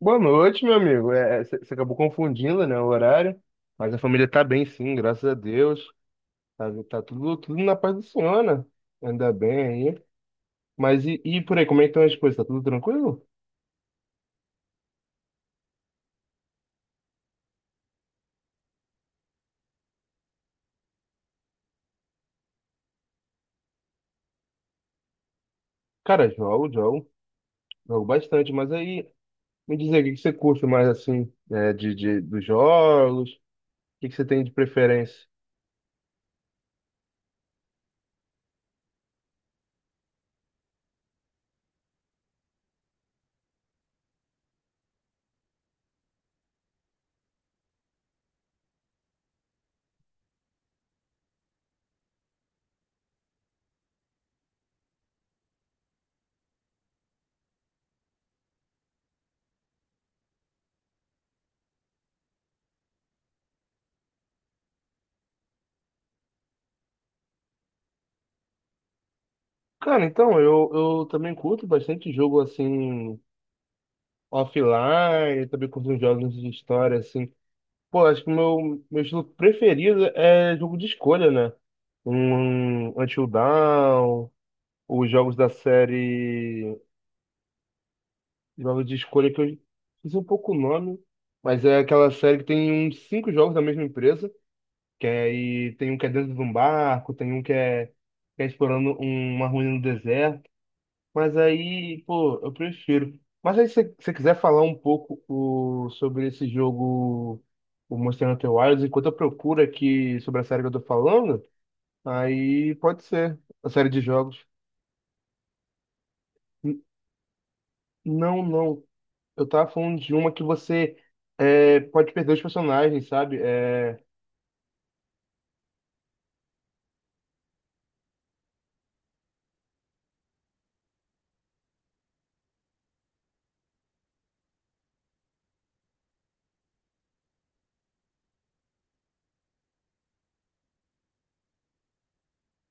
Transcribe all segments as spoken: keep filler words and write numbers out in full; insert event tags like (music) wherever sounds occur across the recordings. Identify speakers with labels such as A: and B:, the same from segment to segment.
A: Boa noite, meu amigo. É, você acabou confundindo, né, o horário, mas a família tá bem, sim, graças a Deus. Tá, tá tudo, tudo na paz do Senhor, né? Ainda bem aí. Mas e, e por aí, como é que estão as coisas? Tá tudo tranquilo? Cara, jogo, jogo, jogo bastante, mas aí me diz aí, o que que você curte mais, assim, né, de, de, dos jogos? O que que você tem de preferência? Cara, então, eu, eu também curto bastante jogo, assim, offline, também curto uns jogos de história, assim. Pô, acho que o meu, meu estilo preferido é jogo de escolha, né? Um Until Dawn, os jogos da série. Jogos de escolha que eu fiz um pouco o nome, mas é aquela série que tem uns cinco jogos da mesma empresa, que aí tem um que é dentro de um barco, tem um que é, que é explorando um- uma ruína no deserto. Mas aí, pô, eu prefiro. Mas aí, se você quiser falar um pouco o, sobre esse jogo, o Monster Hunter Wilds, enquanto eu procuro aqui sobre a série que eu tô falando, aí pode ser a série de jogos. N- Não, não. Eu tava falando de uma que você é, pode perder os personagens, sabe? É,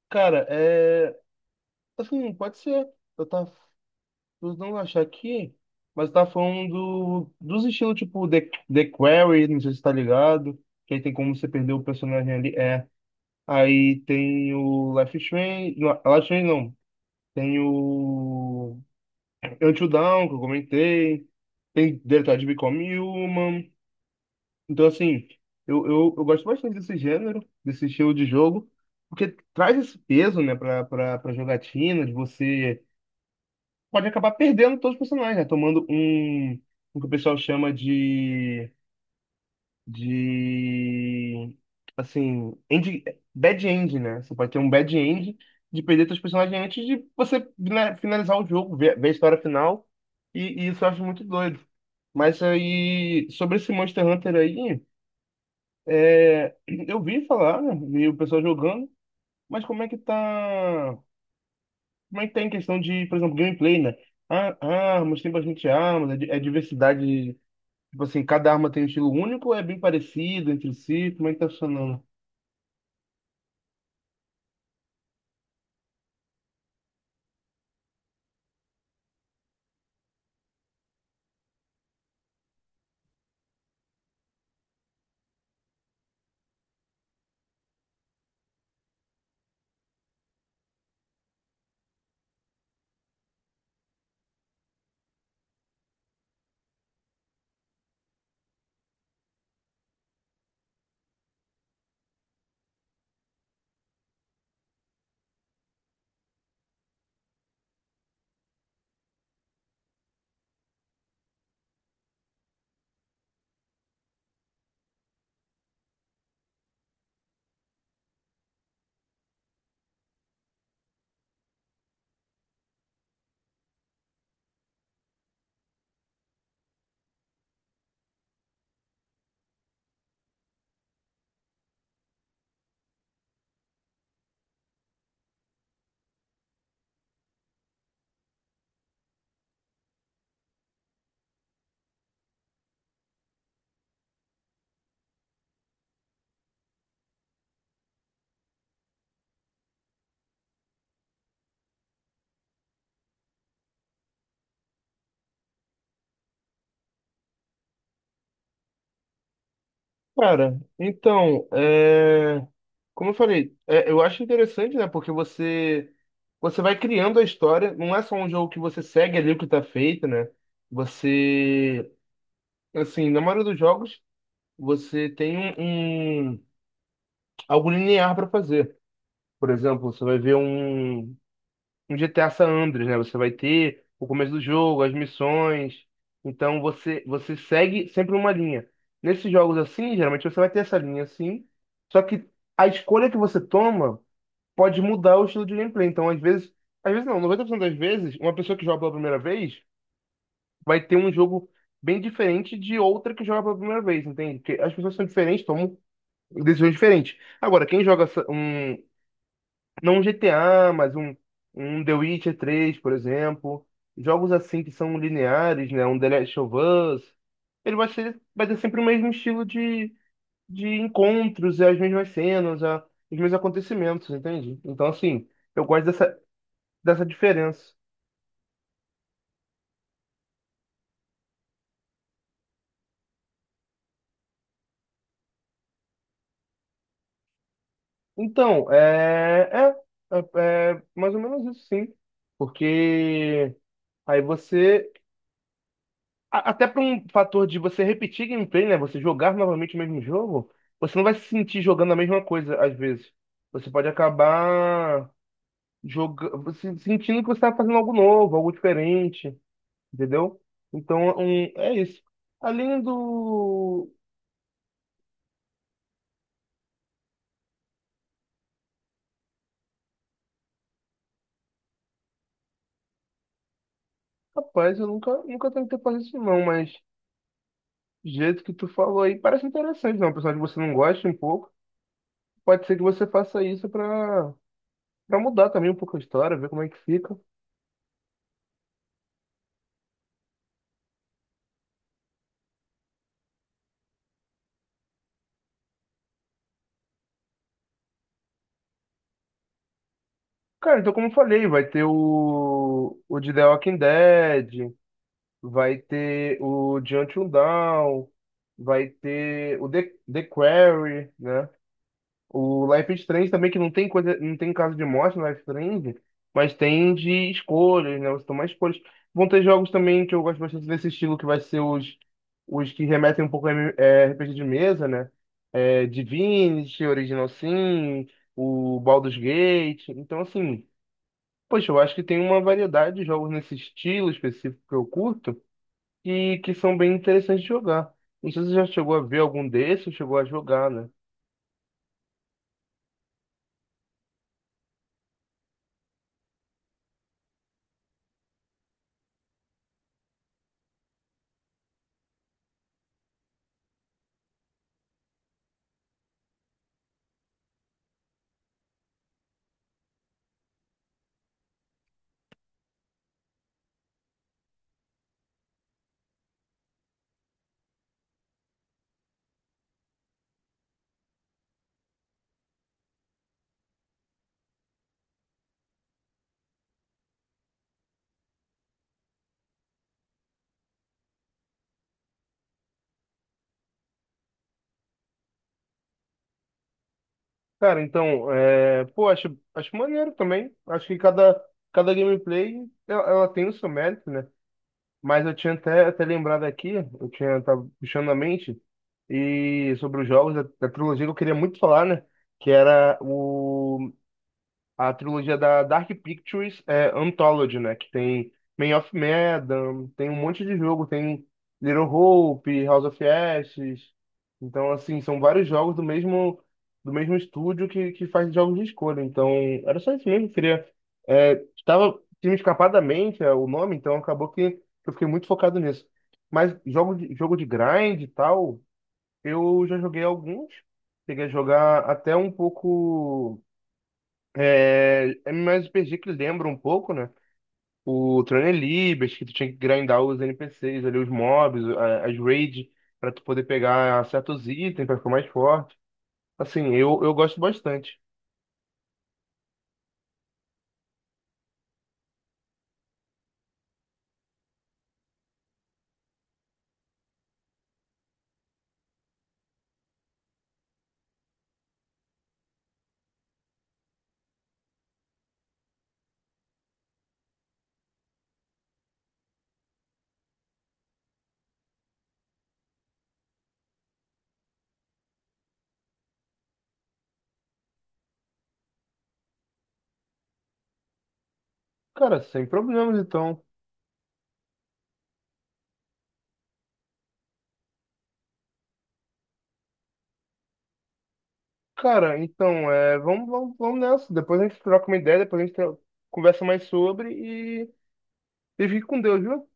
A: cara, é. Assim, pode ser. Eu tava vou não achar aqui, mas tá falando do- dos estilos tipo The, The Quarry, não sei se tá ligado, que aí tem como você perder o personagem ali, é. Aí tem o Life is Strange, não, Life is Strange não, tem o Until Dawn, que eu comentei, tem Detroit Become Human, então assim, eu, eu, eu gosto bastante desse gênero, desse estilo de jogo, porque traz esse peso, né, pra, pra, pra jogatina, de você pode acabar perdendo todos os personagens, né? Tomando um, o que o pessoal chama de, de, assim, end, bad end, né? Você pode ter um bad end de perder seus personagens antes de você né, finalizar o jogo, ver, ver a história final, e, e isso eu acho muito doido. Mas aí, sobre esse Monster Hunter aí, é, (clears throat) eu vi falar, né? Vi o pessoal jogando, mas como é que tá... Mas tem questão de, por exemplo, gameplay, né? Ah, armas, tem bastante armas, é, di- é diversidade. Tipo assim, cada arma tem um estilo único, é bem parecido entre si, como é que tá funcionando? Cara, então, é, como eu falei, é, eu acho interessante, né? Porque você você vai criando a história, não é só um jogo que você segue ali o que tá feito, né? Você, assim, na maioria dos jogos, você tem um, um- algo linear para fazer. Por exemplo, você vai ver um no G T A San Andreas, né? Você vai ter o começo do jogo, as missões. Então você você segue sempre uma linha. Nesses jogos assim, geralmente você vai ter essa linha assim. Só que a escolha que você toma pode mudar o estilo de gameplay. Então, às vezes, às vezes não, noventa por cento das vezes, uma pessoa que joga pela primeira vez vai ter um jogo bem diferente de outra que joga pela primeira vez, entende? Porque as pessoas são diferentes, tomam decisões diferentes. Agora, quem joga essa- um, não um G T A, mas um, um The Witcher três, por exemplo. Jogos assim que são lineares, né? Um The Last of Us. Ele vai ser, vai ter sempre o mesmo estilo de, de encontros, e as mesmas cenas, a- os mesmos acontecimentos, entende? Então, assim, eu gosto dessa, dessa diferença. Então, é, é, é, é mais ou menos isso, sim. Porque aí você A- até para um fator de você repetir gameplay, né? Você jogar novamente o mesmo jogo, você não vai se sentir jogando a mesma coisa às vezes. Você pode acabar jogando, sentindo que você está fazendo algo novo, algo diferente, entendeu? Então, um, é isso. Além do. Rapaz, eu nunca, nunca tentei fazer isso não, mas do jeito que tu falou aí parece interessante, não? Apesar de você não gosta um pouco, pode ser que você faça isso para para mudar também um pouco a história, ver como é que fica. Cara, então como eu falei, vai ter o, o de The Walking Dead, vai ter o de Until Dawn, vai ter o The, The Quarry, né? O Life is Strange também, que não tem coisa, não tem caso de morte no Life is Strange, mas tem de escolhas, né? Você toma escolhas. Vão ter jogos também que eu gosto bastante desse estilo, que vai ser os, os que remetem um pouco a M- é, R P G de mesa, né? É, Divinity, Original Sin, o Baldur's Gate. Então, assim. Poxa, eu acho que tem uma variedade de jogos nesse estilo específico que eu curto e que são bem interessantes de jogar. Não sei se você já chegou a ver algum desses ou chegou a jogar, né? Cara, então, é... pô, acho, acho maneiro também. Acho que cada, cada gameplay ela, ela tem o seu mérito, né? Mas eu tinha até, até lembrado aqui, eu tinha tava puxando na mente e sobre os jogos da, da trilogia que eu queria muito falar, né? Que era o a trilogia da Dark Pictures é Anthology, né? Que tem Man of Medan, tem um monte de jogo, tem Little Hope, House of Ashes. Então, assim, são vários jogos do mesmo do mesmo estúdio que, que faz jogos de escolha. Então, era só isso mesmo, eu queria. É, estava tinha me escapado da mente é, o nome, então acabou que eu fiquei muito focado nisso. Mas jogo de, jogo de grind e tal, eu já joguei alguns. Cheguei a jogar até um pouco. É, é mais R P G que lembra um pouco, né? O Throne Libers, que tu tinha que grindar os N P Cs ali, os mobs, a- as raids, pra tu poder pegar certos itens pra ficar mais forte. Assim, eu, eu gosto bastante. Cara, sem problemas, então. Cara, então, é, vamos, vamos, vamos nessa. Depois a gente troca uma ideia, depois a gente tro- conversa mais sobre e, e fique com Deus, viu?